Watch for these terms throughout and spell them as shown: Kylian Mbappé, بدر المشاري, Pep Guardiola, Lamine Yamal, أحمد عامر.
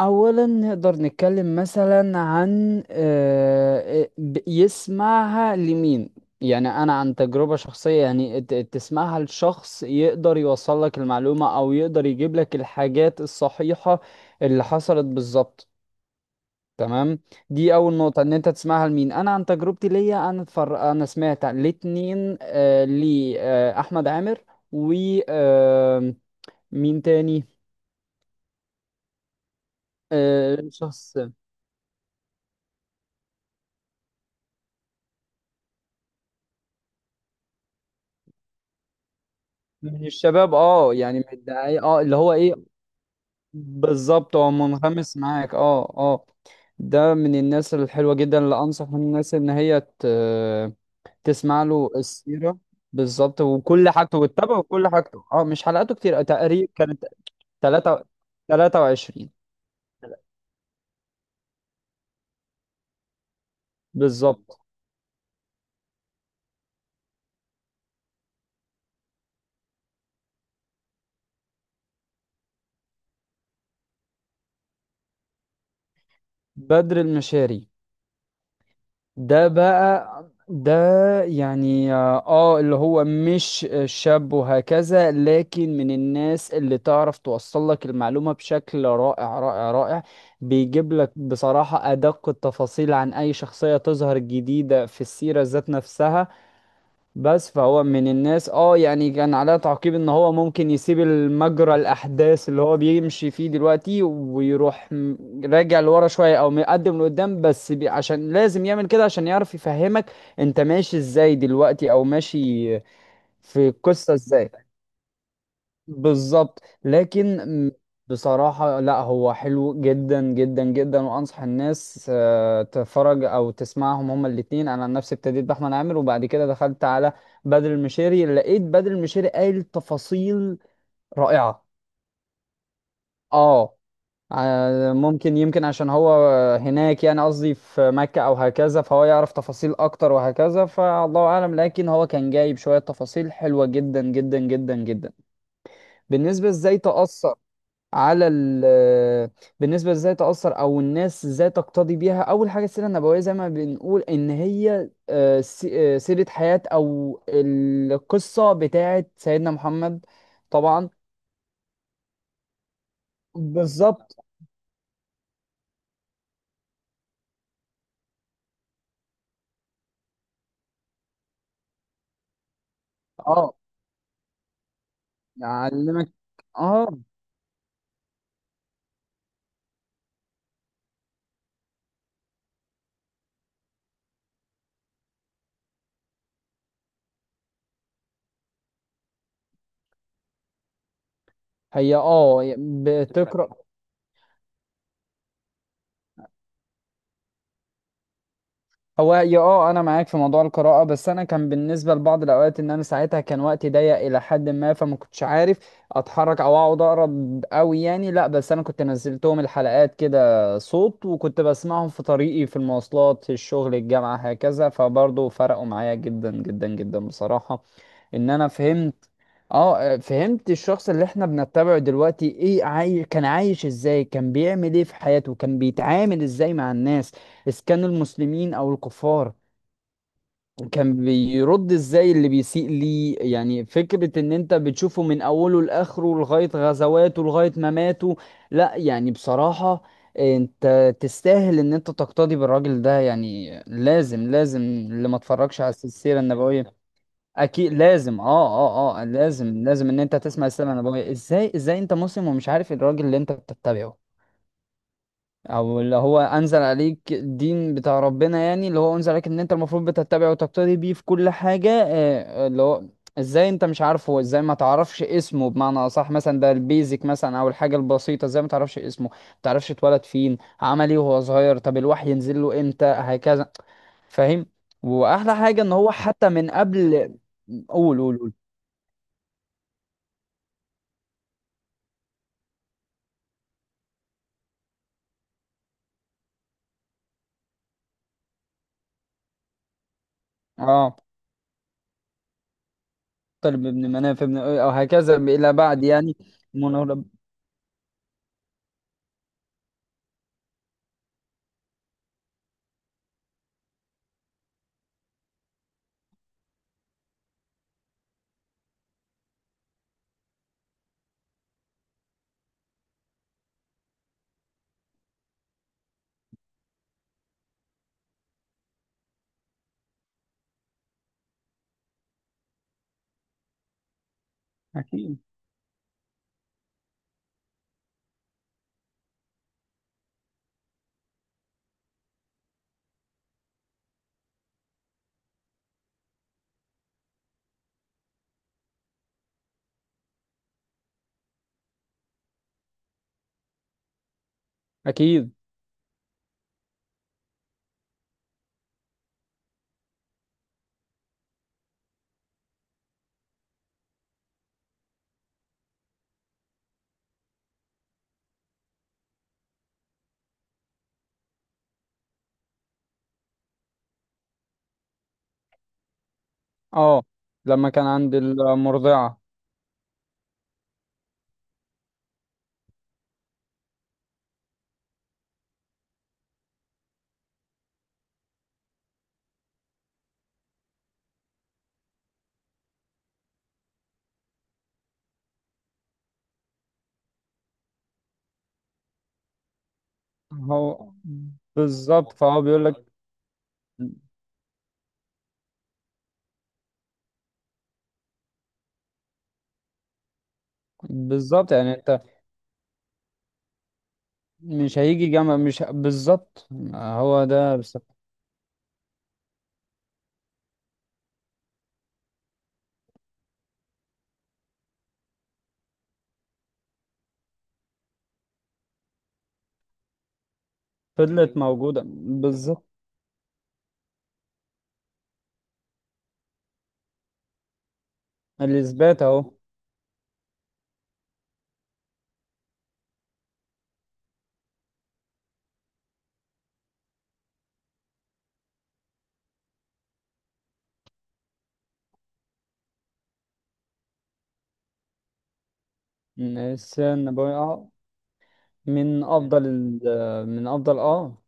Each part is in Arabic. اولا نقدر نتكلم مثلا عن يسمعها لمين؟ يعني انا عن تجربة شخصية، يعني تسمعها لشخص يقدر يوصل لك المعلومة او يقدر يجيب لك الحاجات الصحيحة اللي حصلت بالظبط. تمام. دي اول نقطة، ان انت تسمعها لمين. انا عن تجربتي ليا، انا انا سمعت الاتنين. لي احمد عامر و آه، مين تاني؟ شخص من الشباب. اه يعني من الدعاية، اه اللي هو ايه، بالظبط هو منغمس معاك. اه ده من الناس الحلوة جدا اللي انصح الناس ان هي تسمع له السيرة بالظبط، وكل حاجته، وتتابعه كل حاجته. اه مش حلقاته كتير تقريبا كانت. 3. 23. بالظبط. بدر المشاري. ده بقى يعني اه، اللي هو مش شاب وهكذا، لكن من الناس اللي تعرف توصل لك المعلومة بشكل رائع رائع رائع. بيجيب لك بصراحة أدق التفاصيل عن أي شخصية تظهر جديدة في السيرة ذات نفسها. بس فهو من الناس، اه يعني كان عليها تعقيب ان هو ممكن يسيب المجرى الاحداث اللي هو بيمشي فيه دلوقتي ويروح راجع لورا شويه او مقدم لقدام، بس بي عشان لازم يعمل كده عشان يعرف يفهمك انت ماشي ازاي دلوقتي او ماشي في القصه ازاي. بالظبط. لكن م- بصراحة لا، هو حلو جدا جدا جدا، وأنصح الناس تتفرج أو تسمعهم هما الاتنين. أنا عن نفسي ابتديت بأحمد عامر، وبعد كده دخلت على بدر المشيري، لقيت بدر المشيري قايل تفاصيل رائعة. اه ممكن يمكن عشان هو هناك، يعني قصدي في مكة أو هكذا، فهو يعرف تفاصيل أكتر وهكذا، فالله أعلم. لكن هو كان جايب شوية تفاصيل حلوة جدا جدا جدا جدا. بالنسبة إزاي تأثر على بالنسبة ازاي تأثر، أو الناس ازاي تقتدي بيها. أول حاجة، السيرة النبوية زي ما بنقول إن هي سيرة حياة أو القصة بتاعة سيدنا محمد. طبعا. بالظبط. اه يعلمك. اه هي اه بتقرأ. هو يا اه انا معاك في موضوع القراءة، بس انا كان بالنسبة لبعض الاوقات ان انا ساعتها كان وقتي ضيق الى حد ما، فما كنتش عارف اتحرك او اقعد اقرا قوي يعني، لا. بس انا كنت نزلتهم الحلقات كده صوت، وكنت بسمعهم في طريقي، في المواصلات، في الشغل، الجامعة، هكذا، فبرضه فرقوا معايا جدا جدا جدا بصراحة. ان انا فهمت، اه فهمت الشخص اللي احنا بنتبعه دلوقتي ايه. كان عايش ازاي، كان بيعمل ايه في حياته، كان بيتعامل ازاي مع الناس اذا كانوا المسلمين او الكفار، كان بيرد ازاي اللي بيسيء ليه. يعني فكرة ان انت بتشوفه من اوله لاخره، لغاية غزواته لغاية مماته. لا يعني بصراحة انت تستاهل ان انت تقتدي بالراجل ده، يعني لازم لازم اللي ما اتفرجش على السيرة النبوية. اكيد لازم. اه لازم لازم ان انت تسمع السلام. انا بقول ازاي، ازاي انت مسلم ومش عارف الراجل اللي انت بتتبعه او اللي هو انزل عليك الدين بتاع ربنا، يعني اللي هو انزل عليك ان انت المفروض بتتبعه وتقتدي بيه في كل حاجة. اللي هو ازاي انت مش عارفه، ازاي ما تعرفش اسمه بمعنى اصح، مثلا ده البيزك مثلا، او الحاجة البسيطة، ازاي ما تعرفش اسمه، ما تعرفش اتولد فين، عمل ايه وهو صغير، طب الوحي ينزل له امتى، هكذا. فاهم. واحلى حاجة ان هو حتى من قبل. قول. اه طالب ابن مناف ابن او هكذا الى بعد يعني. منور. اكيد اكيد. اه لما كان عند المرضعه. هو بالظبط، فهو بيقول لك بالظبط، يعني انت مش هيجي جامعه، مش ه- بالظبط هو ده بس. فضلت موجوده بالظبط. الاثبات اهو. إن السيره النبويه اه من افضل اه.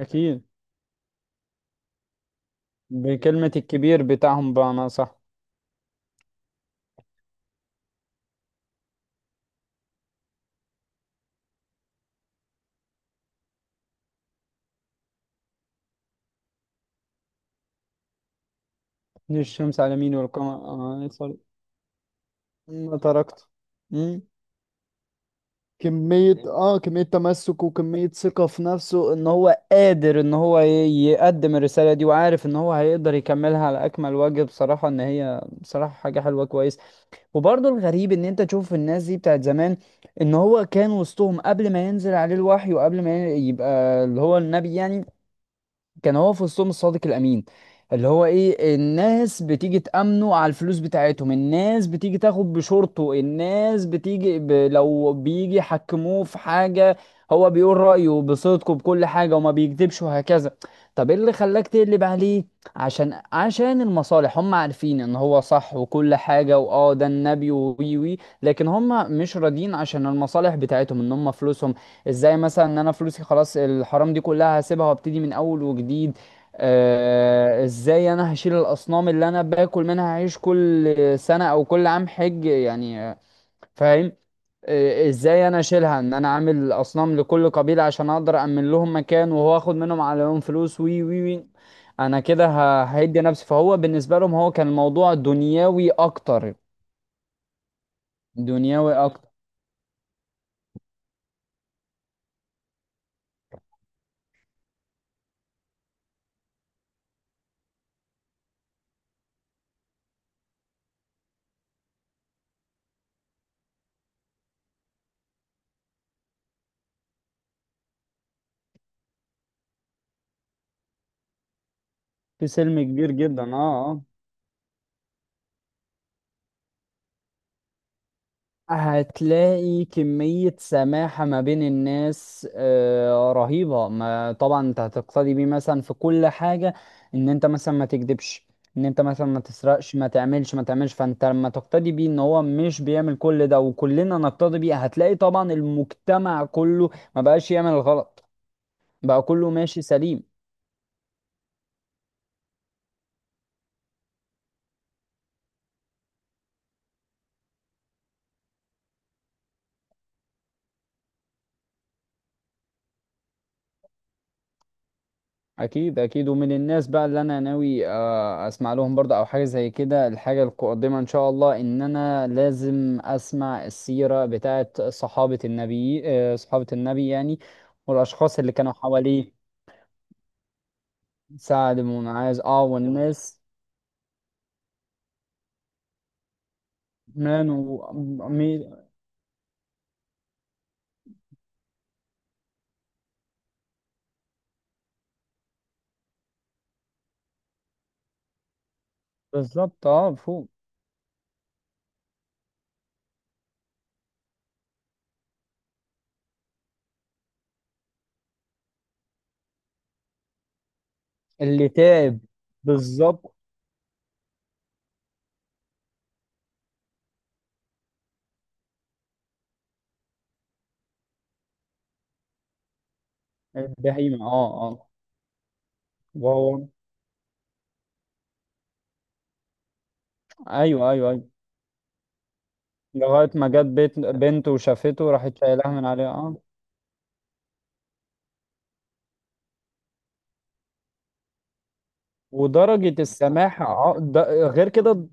اكيد. بكلمه الكبير بتاعهم بمعنى، صح. الشمس على مين والقمر آه يصل. ما تركته. مم. كمية اه كمية تمسك، وكمية ثقة في نفسه ان هو قادر ان هو يقدم الرسالة دي، وعارف ان هو هيقدر يكملها على اكمل وجه بصراحة. ان هي بصراحة حاجة حلوة كويس. وبرضه الغريب ان انت تشوف الناس دي بتاعت زمان، ان هو كان وسطهم قبل ما ينزل عليه الوحي، وقبل ما يبقى اللي هو النبي يعني، كان هو في وسطهم الصادق الامين. اللي هو ايه، الناس بتيجي تأمنه على الفلوس بتاعتهم، الناس بتيجي تاخد بشورته، الناس لو بيجي يحكموه في حاجة هو بيقول رأيه بصدقه بكل حاجة، وما بيكذبش وهكذا. طب ايه اللي خلاك تقلب عليه؟ عشان المصالح. هم عارفين ان هو صح وكل حاجة، واه ده النبي وي وي، لكن هم مش راضيين عشان المصالح بتاعتهم، ان هم فلوسهم ازاي. مثلا ان انا فلوسي خلاص، الحرام دي كلها هسيبها وابتدي من اول وجديد. آه ازاي انا هشيل الاصنام اللي انا باكل منها، هعيش كل سنة او كل عام حج يعني فاهم. آه ازاي انا اشيلها ان انا عامل اصنام لكل قبيلة عشان اقدر امن لهم مكان، وهو اخد منهم عليهم فلوس وي وي وي. انا كده هيدي نفسي. فهو بالنسبة لهم هو كان الموضوع دنيوي اكتر. دنيوي اكتر. في سلم كبير جدا اه. اه هتلاقي كمية سماحة ما بين الناس رهيبة. ما طبعا انت هتقتدي بيه مثلا في كل حاجة، ان انت مثلا ما تكذبش، ان انت مثلا ما تسرقش، ما تعملش. فانت لما تقتدي بيه ان هو مش بيعمل كل ده، وكلنا نقتدي بيه، هتلاقي طبعا المجتمع كله ما بقاش يعمل الغلط، بقى كله ماشي سليم. اكيد اكيد. ومن الناس بقى اللي انا ناوي اسمع لهم برضه او حاجه زي كده، الحاجه القادمه ان شاء الله، ان انا لازم اسمع السيره بتاعه صحابه النبي، صحابه النبي يعني والاشخاص اللي كانوا حواليه. سعد بن معاذ اه والناس. مان و... مي- بالظبط اه فوق. اللي تعب. بالظبط. البهيمه اه وهو. ايوه. لغايه ما جت بيت بنته وشافته راحت شايلها من عليها اه. ودرجة السماحة غير كده.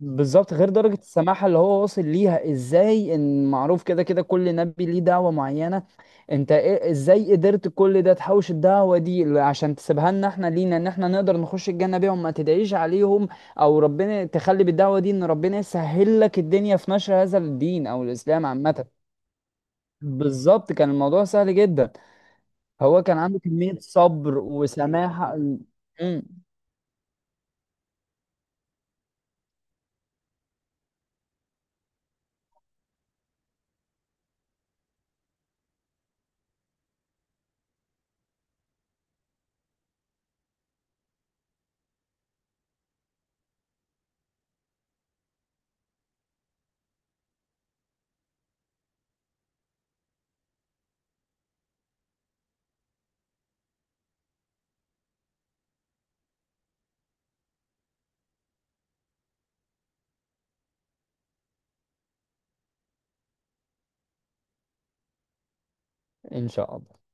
بالظبط، غير درجة السماحة اللي هو واصل ليها ازاي، ان معروف كده كده كل نبي ليه دعوة معينة. انت ازاي قدرت كل ده تحوش الدعوة دي عشان تسيبها لنا احنا، لينا ان احنا نقدر نخش الجنة بيهم، ما تدعيش عليهم او ربنا تخلي بالدعوة دي ان ربنا يسهل لك الدنيا في نشر هذا الدين او الاسلام عامة. بالظبط كان الموضوع سهل جدا. هو كان عنده كمية صبر وسماحة. مم. ان شاء الله.